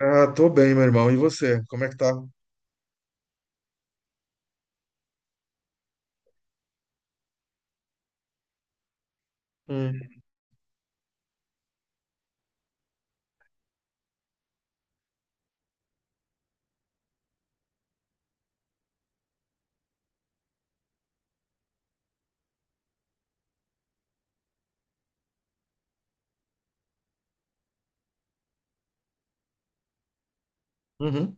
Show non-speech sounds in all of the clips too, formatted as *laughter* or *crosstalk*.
Ah, tô bem, meu irmão. E você? Como é que tá? Hum, uhum,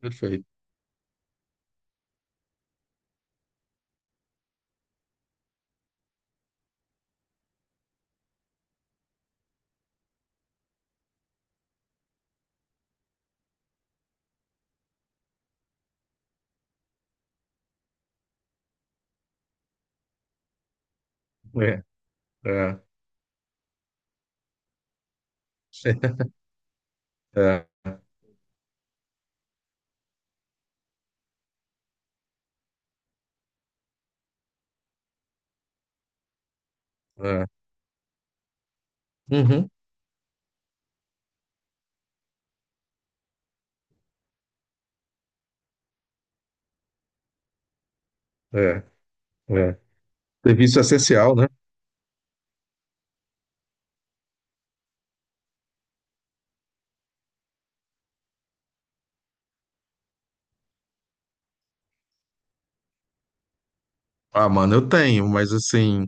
perfeito. É, é, *laughs* é, é, uhum, é, é. Serviço essencial, né? Ah, mano, eu tenho, mas assim,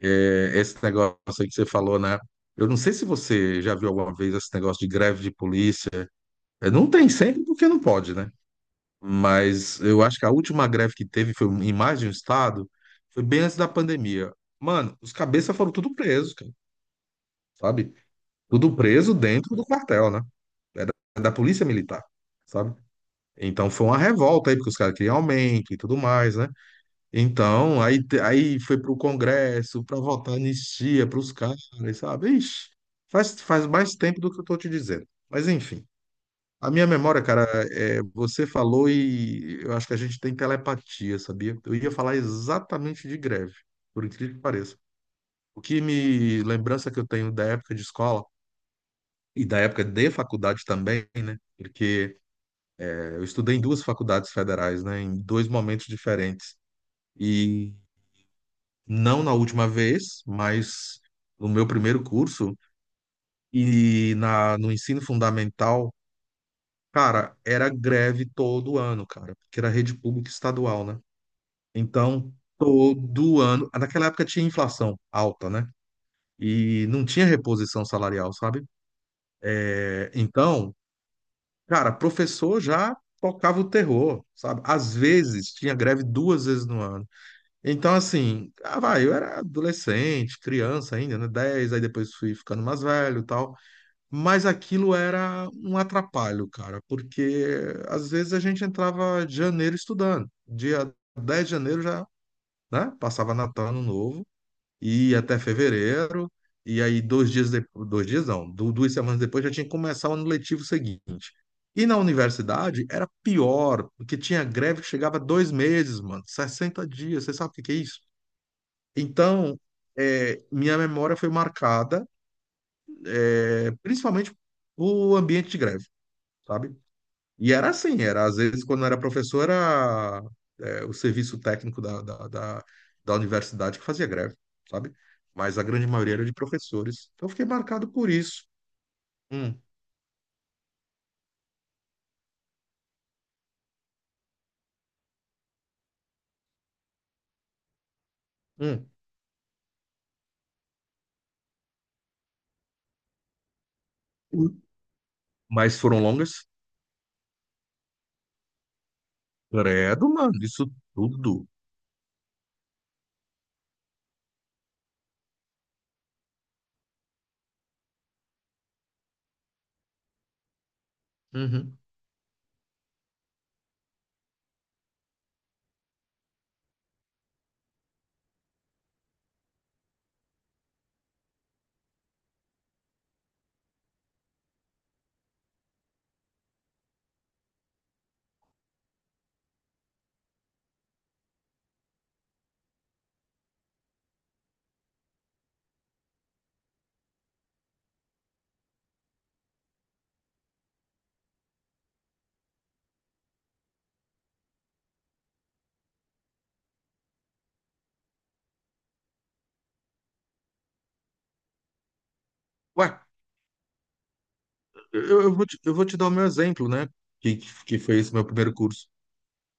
é, esse negócio aí que você falou, né? Eu não sei se você já viu alguma vez esse negócio de greve de polícia. É, não tem sempre porque não pode, né? Mas eu acho que a última greve que teve foi em mais de um estado, foi bem antes da pandemia. Mano, os cabeças foram tudo presos, cara, sabe? Tudo preso dentro do quartel, né? É da polícia militar, sabe? Então foi uma revolta aí, porque os caras queriam aumento e tudo mais, né? Então, aí, aí foi pro Congresso para votar anistia pros caras, sabe? Ixi, faz mais tempo do que eu tô te dizendo. Mas enfim, a minha memória, cara, é, você falou e eu acho que a gente tem telepatia, sabia? Eu ia falar exatamente de greve, por incrível que pareça. O que me lembrança que eu tenho da época de escola e da época de faculdade também, né? Porque eu estudei em duas faculdades federais, né? Em dois momentos diferentes. E não na última vez, mas no meu primeiro curso e na, no ensino fundamental, cara, era greve todo ano, cara, porque era rede pública estadual, né? Então, todo ano, naquela época tinha inflação alta, né? E não tinha reposição salarial, sabe? É, então, cara, professor já tocava o terror, sabe? Às vezes tinha greve duas vezes no ano. Então, assim, ah, vai, eu era adolescente, criança ainda, né? Dez aí depois fui ficando mais velho e tal. Mas aquilo era um atrapalho, cara, porque às vezes a gente entrava de janeiro estudando. Dia 10 de janeiro já, né? Passava Natal, Ano Novo e ia até fevereiro, e aí 2 dias depois, 2 dias não, 2 semanas depois já tinha que começar o ano letivo seguinte. E na universidade era pior, porque tinha greve que chegava a 2 meses, mano, 60 dias, você sabe o que que é isso? Então, é, minha memória foi marcada, é, principalmente o ambiente de greve, sabe? E era assim, era às vezes quando eu era professor era é, o serviço técnico da universidade que fazia greve, sabe? Mas a grande maioria era de professores. Então eu fiquei marcado por isso. Hum, hum. Hum. Mas foram longas? Credo, mano, isso tudo. Uhum. Ué, eu vou te dar o meu exemplo, né? Que, que foi esse meu primeiro curso.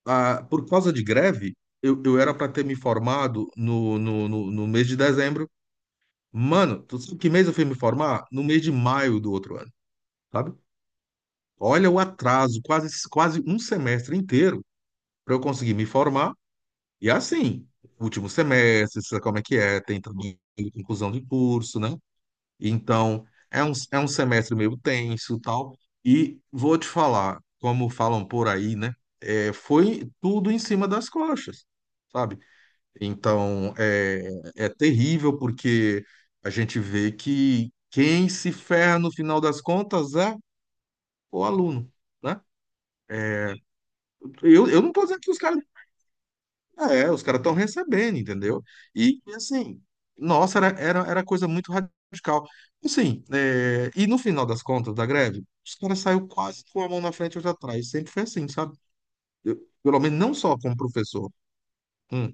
Ah, por causa de greve, eu era para ter me formado no mês de dezembro. Mano, tu sabe que mês eu fui me formar? No mês de maio do outro ano, sabe? Olha o atraso, quase, quase um semestre inteiro para eu conseguir me formar. E assim, último semestre, sabe como é que é? Tem também conclusão de curso, né? Então, é um semestre meio tenso e tal. E vou te falar, como falam por aí, né? É, foi tudo em cima das coxas, sabe? Então, é, terrível porque a gente vê que quem se ferra no final das contas é o aluno, né? Eu não tô dizendo que os caras... É, os caras estão recebendo, entendeu? E, assim, nossa, era coisa muito radical. Assim, é, e no final das contas da greve, os caras saíram quase com a mão na frente e outra atrás. Sempre foi assim, sabe? Eu, pelo menos não só como professor. Hum,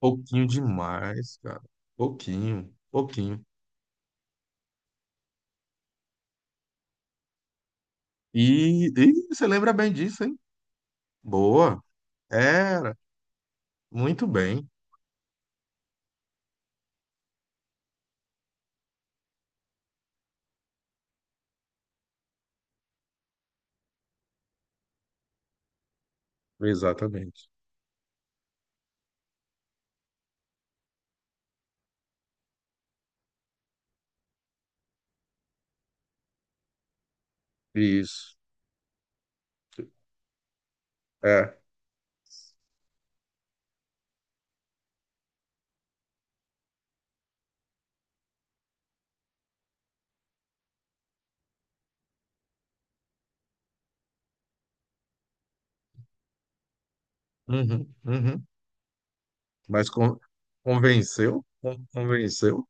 Pouquinho demais, cara. Pouquinho, pouquinho. E você lembra bem disso, hein? Boa. Era. Muito bem. Exatamente. Isso. É. Uhum, uhum. Mas convenceu? Convenceu?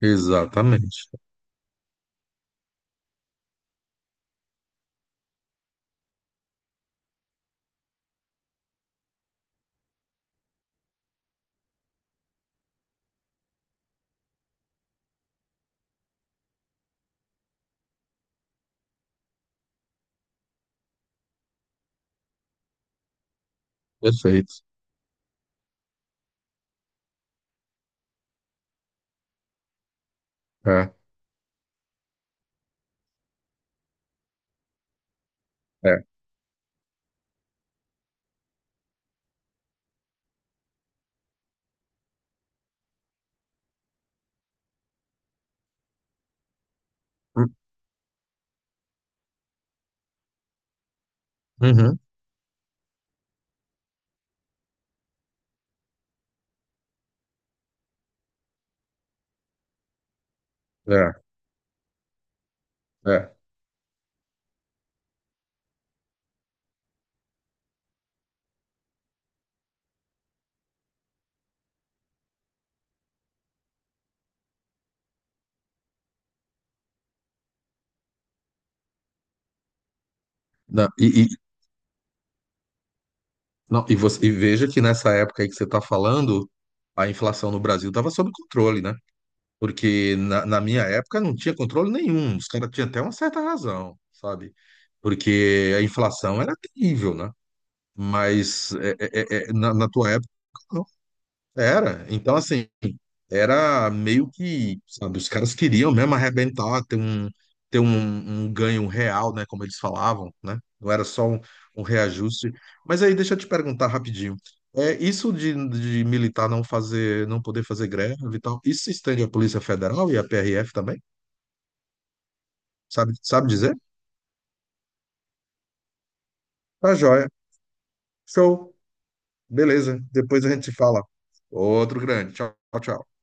Exatamente. Perfeito. É, é. Uhum, é, é. Não, não, e, você, e veja que nessa época aí que você está falando, a inflação no Brasil estava sob controle, né? Porque na minha época não tinha controle nenhum. Os caras tinham até uma certa razão, sabe? Porque a inflação era terrível, né? Mas é, na tua época, não. Era. Então, assim, era meio que, sabe, os caras queriam mesmo arrebentar, ter um, um ganho real, né? Como eles falavam, né? Não era só um reajuste. Mas aí, deixa eu te perguntar rapidinho. É, isso de militar não fazer, não poder fazer greve e tal, isso se estende à Polícia Federal e à PRF também? Sabe, sabe dizer? Tá joia. Show. Beleza, depois a gente se fala. Outro grande. Tchau, tchau.